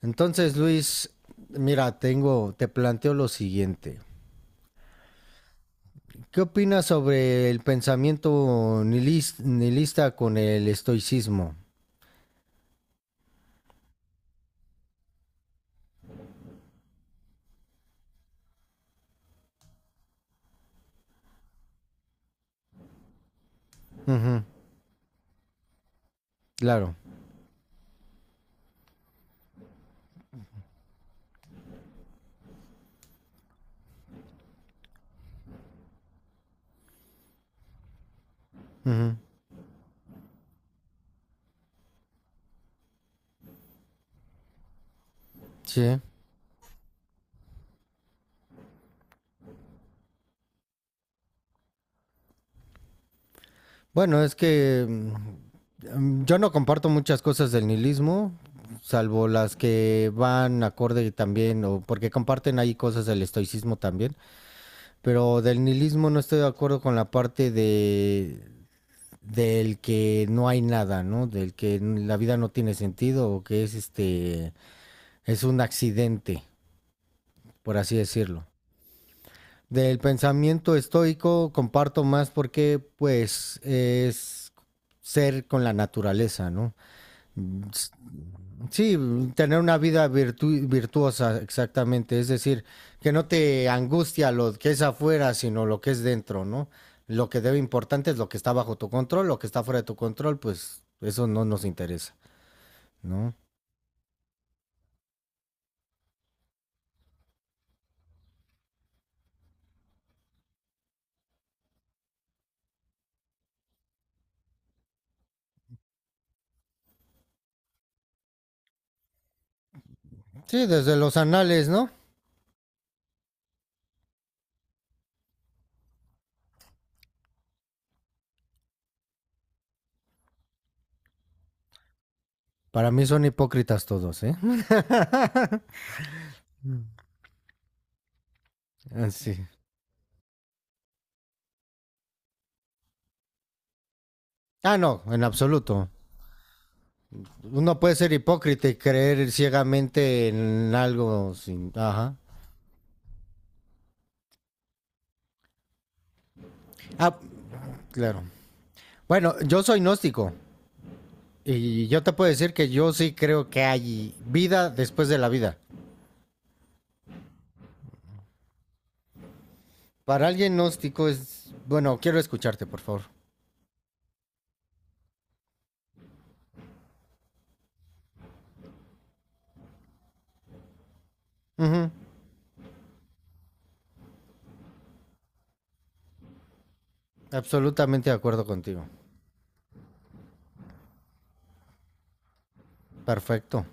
Entonces, Luis, mira, tengo, te planteo lo siguiente. ¿Qué opinas sobre el pensamiento nihilista con el estoicismo? Ujú, claro. Ujú, sí. Bueno, es que yo no comparto muchas cosas del nihilismo, salvo las que van acorde también, o porque comparten ahí cosas del estoicismo también, pero del nihilismo no estoy de acuerdo con la parte de del que no hay nada, ¿no? Del que la vida no tiene sentido o que es este es un accidente, por así decirlo. Del pensamiento estoico comparto más porque pues es ser con la naturaleza, ¿no? Sí, tener una vida virtuosa, exactamente. Es decir, que no te angustia lo que es afuera, sino lo que es dentro, ¿no? Lo que debe importante es lo que está bajo tu control, lo que está fuera de tu control, pues eso no nos interesa. ¿No? Sí, desde los anales, ¿no? Para mí son hipócritas todos, ¿eh? Así. Ah, no, en absoluto. Uno puede ser hipócrita y creer ciegamente en algo sin... Ajá. Ah, claro. Bueno, yo soy gnóstico y yo te puedo decir que yo sí creo que hay vida después de la vida. Para alguien gnóstico es... Bueno, quiero escucharte, por favor. Ujú, absolutamente de acuerdo contigo. Perfecto.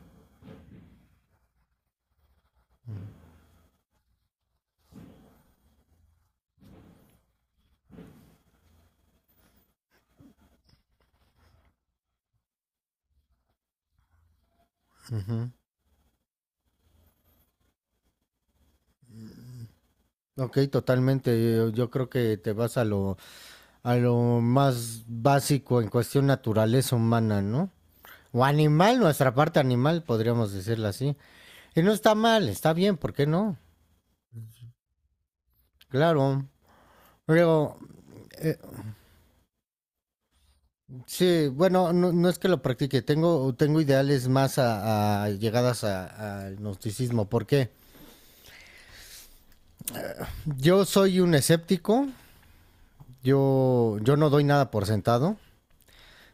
Ok, totalmente. Yo creo que te vas a lo más básico en cuestión naturaleza humana, ¿no? O animal, nuestra parte animal, podríamos decirlo así. Y no está mal, está bien, ¿por qué no? Claro. Pero, eh, sí, bueno, no, no es que lo practique, tengo, tengo ideales más a llegadas al gnosticismo. ¿Por qué? Yo soy un escéptico, yo no doy nada por sentado.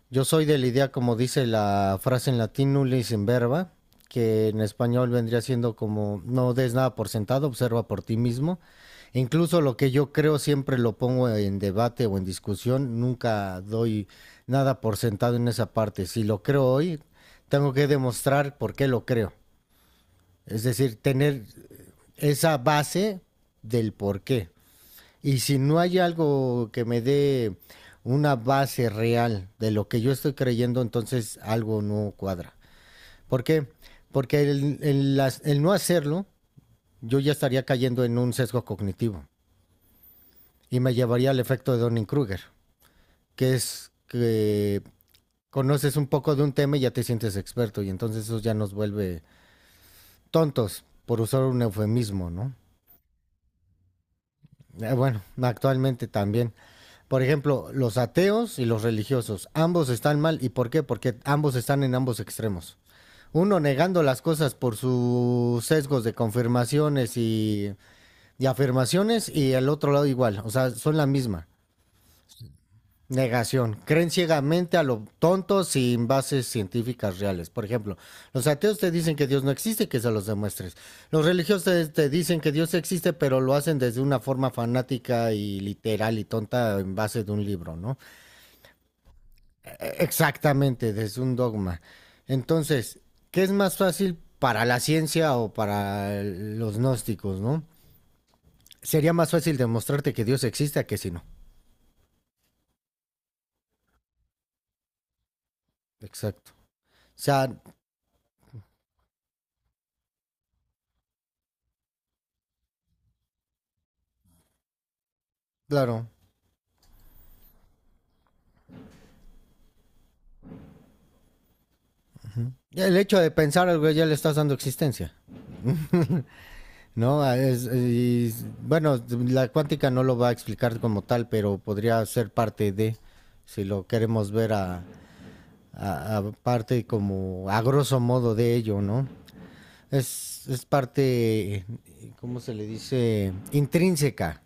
Yo soy de la idea, como dice la frase en latín, nulis in verba, que en español vendría siendo como no des nada por sentado, observa por ti mismo. Incluso lo que yo creo siempre lo pongo en debate o en discusión, nunca doy nada por sentado en esa parte. Si lo creo hoy, tengo que demostrar por qué lo creo. Es decir, tener esa base del por qué. Y si no hay algo que me dé una base real de lo que yo estoy creyendo, entonces algo no cuadra. ¿Por qué? Porque el el no hacerlo, yo ya estaría cayendo en un sesgo cognitivo y me llevaría al efecto de Donning-Kruger, que es que conoces un poco de un tema y ya te sientes experto y entonces eso ya nos vuelve tontos, por usar un eufemismo, ¿no? Bueno, actualmente también. Por ejemplo, los ateos y los religiosos, ambos están mal. ¿Y por qué? Porque ambos están en ambos extremos. Uno negando las cosas por sus sesgos de confirmaciones y afirmaciones y el otro lado igual. O sea, son la misma. Negación. Creen ciegamente a lo tonto sin bases científicas reales. Por ejemplo, los ateos te dicen que Dios no existe y que se los demuestres. Los religiosos te dicen que Dios existe, pero lo hacen desde una forma fanática y literal y tonta en base de un libro, ¿no? Exactamente, desde un dogma. Entonces, ¿qué es más fácil para la ciencia o para los gnósticos, no? Sería más fácil demostrarte que Dios existe a que si no. Exacto. O sea, claro, el hecho de pensar algo ya le estás dando existencia. No, ah, bueno, la cuántica no lo va a explicar como tal, pero podría ser parte de, si lo queremos ver a, a parte como a grosso modo de ello, ¿no? Es parte, ¿cómo se le dice? Intrínseca.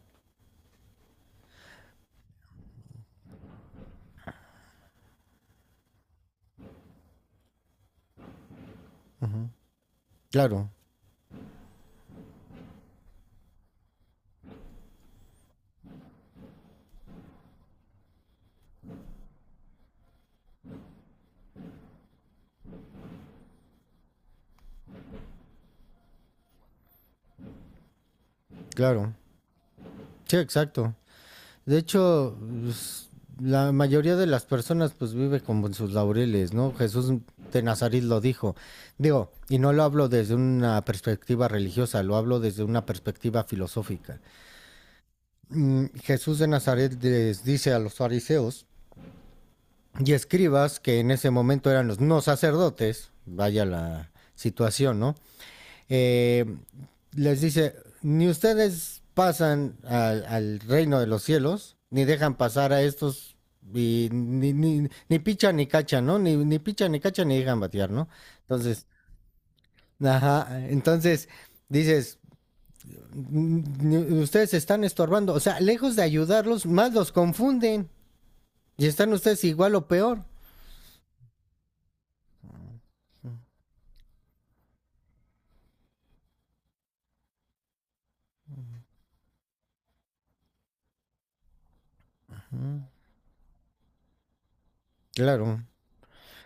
Claro, claro. Sí, exacto. De hecho, pues, la mayoría de las personas pues vive con sus laureles, ¿no? Jesús de Nazaret lo dijo. Digo, y no lo hablo desde una perspectiva religiosa, lo hablo desde una perspectiva filosófica. Jesús de Nazaret les dice a los fariseos y escribas, que en ese momento eran los no sacerdotes, vaya la situación, ¿no? eh, Les dice, ni ustedes pasan al, al reino de los cielos, ni dejan pasar a estos, y ni pichan ni cachan, ¿no? Ni, ni pichan ni cachan ni dejan batear, ¿no? Entonces, ajá, entonces dices, ustedes se están estorbando, o sea, lejos de ayudarlos, más los confunden y están ustedes igual o peor. Mm, claro.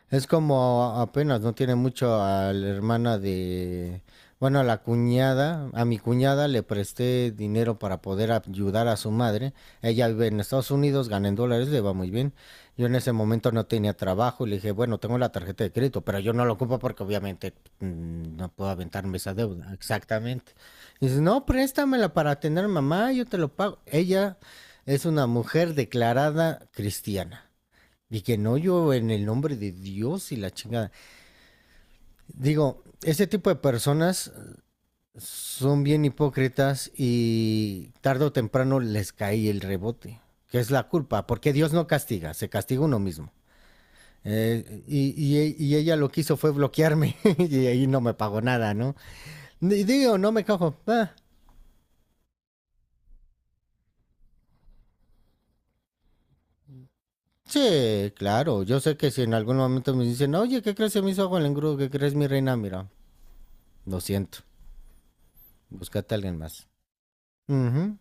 Es como apenas, no tiene mucho a la hermana de, bueno, a la cuñada, a mi cuñada le presté dinero para poder ayudar a su madre. Ella vive en Estados Unidos, gana en dólares, le va muy bien. Yo en ese momento no tenía trabajo y le dije, bueno, tengo la tarjeta de crédito, pero yo no la ocupo porque obviamente no puedo aventarme esa deuda. Exactamente. Y dice, no, préstamela para tener mamá, yo te lo pago. Ella es una mujer declarada cristiana. Y que no yo en el nombre de Dios y la chingada. Digo, ese tipo de personas son bien hipócritas y tarde o temprano les cae el rebote, que es la culpa, porque Dios no castiga, se castiga uno mismo. Y ella lo que hizo fue bloquearme y ahí no me pagó nada, ¿no? Y digo, no me cago ah, sí, claro, yo sé que si en algún momento me dicen, oye, ¿qué crees? Se me hizo agua el engrudo, ¿qué crees mi reina? Mira, lo siento, búscate a alguien más. Uh -huh.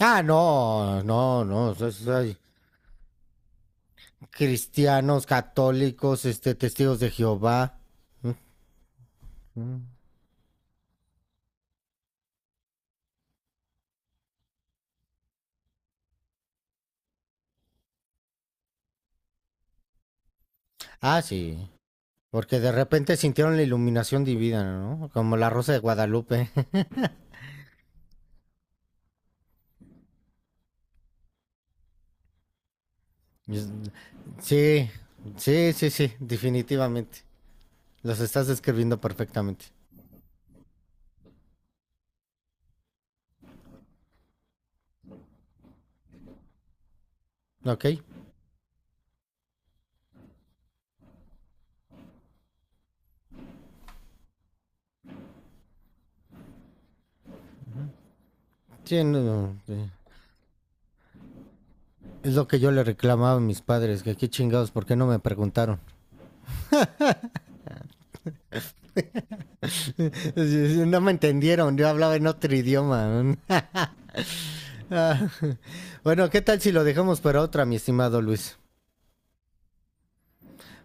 Ah, no, no, no, ay, cristianos, católicos, este, testigos de Jehová. Mm. Ah, sí, porque de repente sintieron la iluminación divina, ¿no? Como la Rosa de Guadalupe. Es- Sí, sí, definitivamente. Los estás describiendo perfectamente. ¿Ok? Sí, no, no, sí. Es lo que yo le reclamaba a mis padres, que qué chingados, ¿por qué no me preguntaron? No me entendieron, yo hablaba en otro idioma. ¿No? Ah, bueno, ¿qué tal si lo dejamos para otra, mi estimado Luis?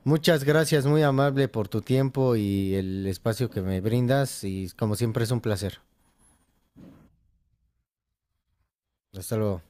Muchas gracias, muy amable por tu tiempo y el espacio que me brindas y como siempre es un placer. Hasta luego.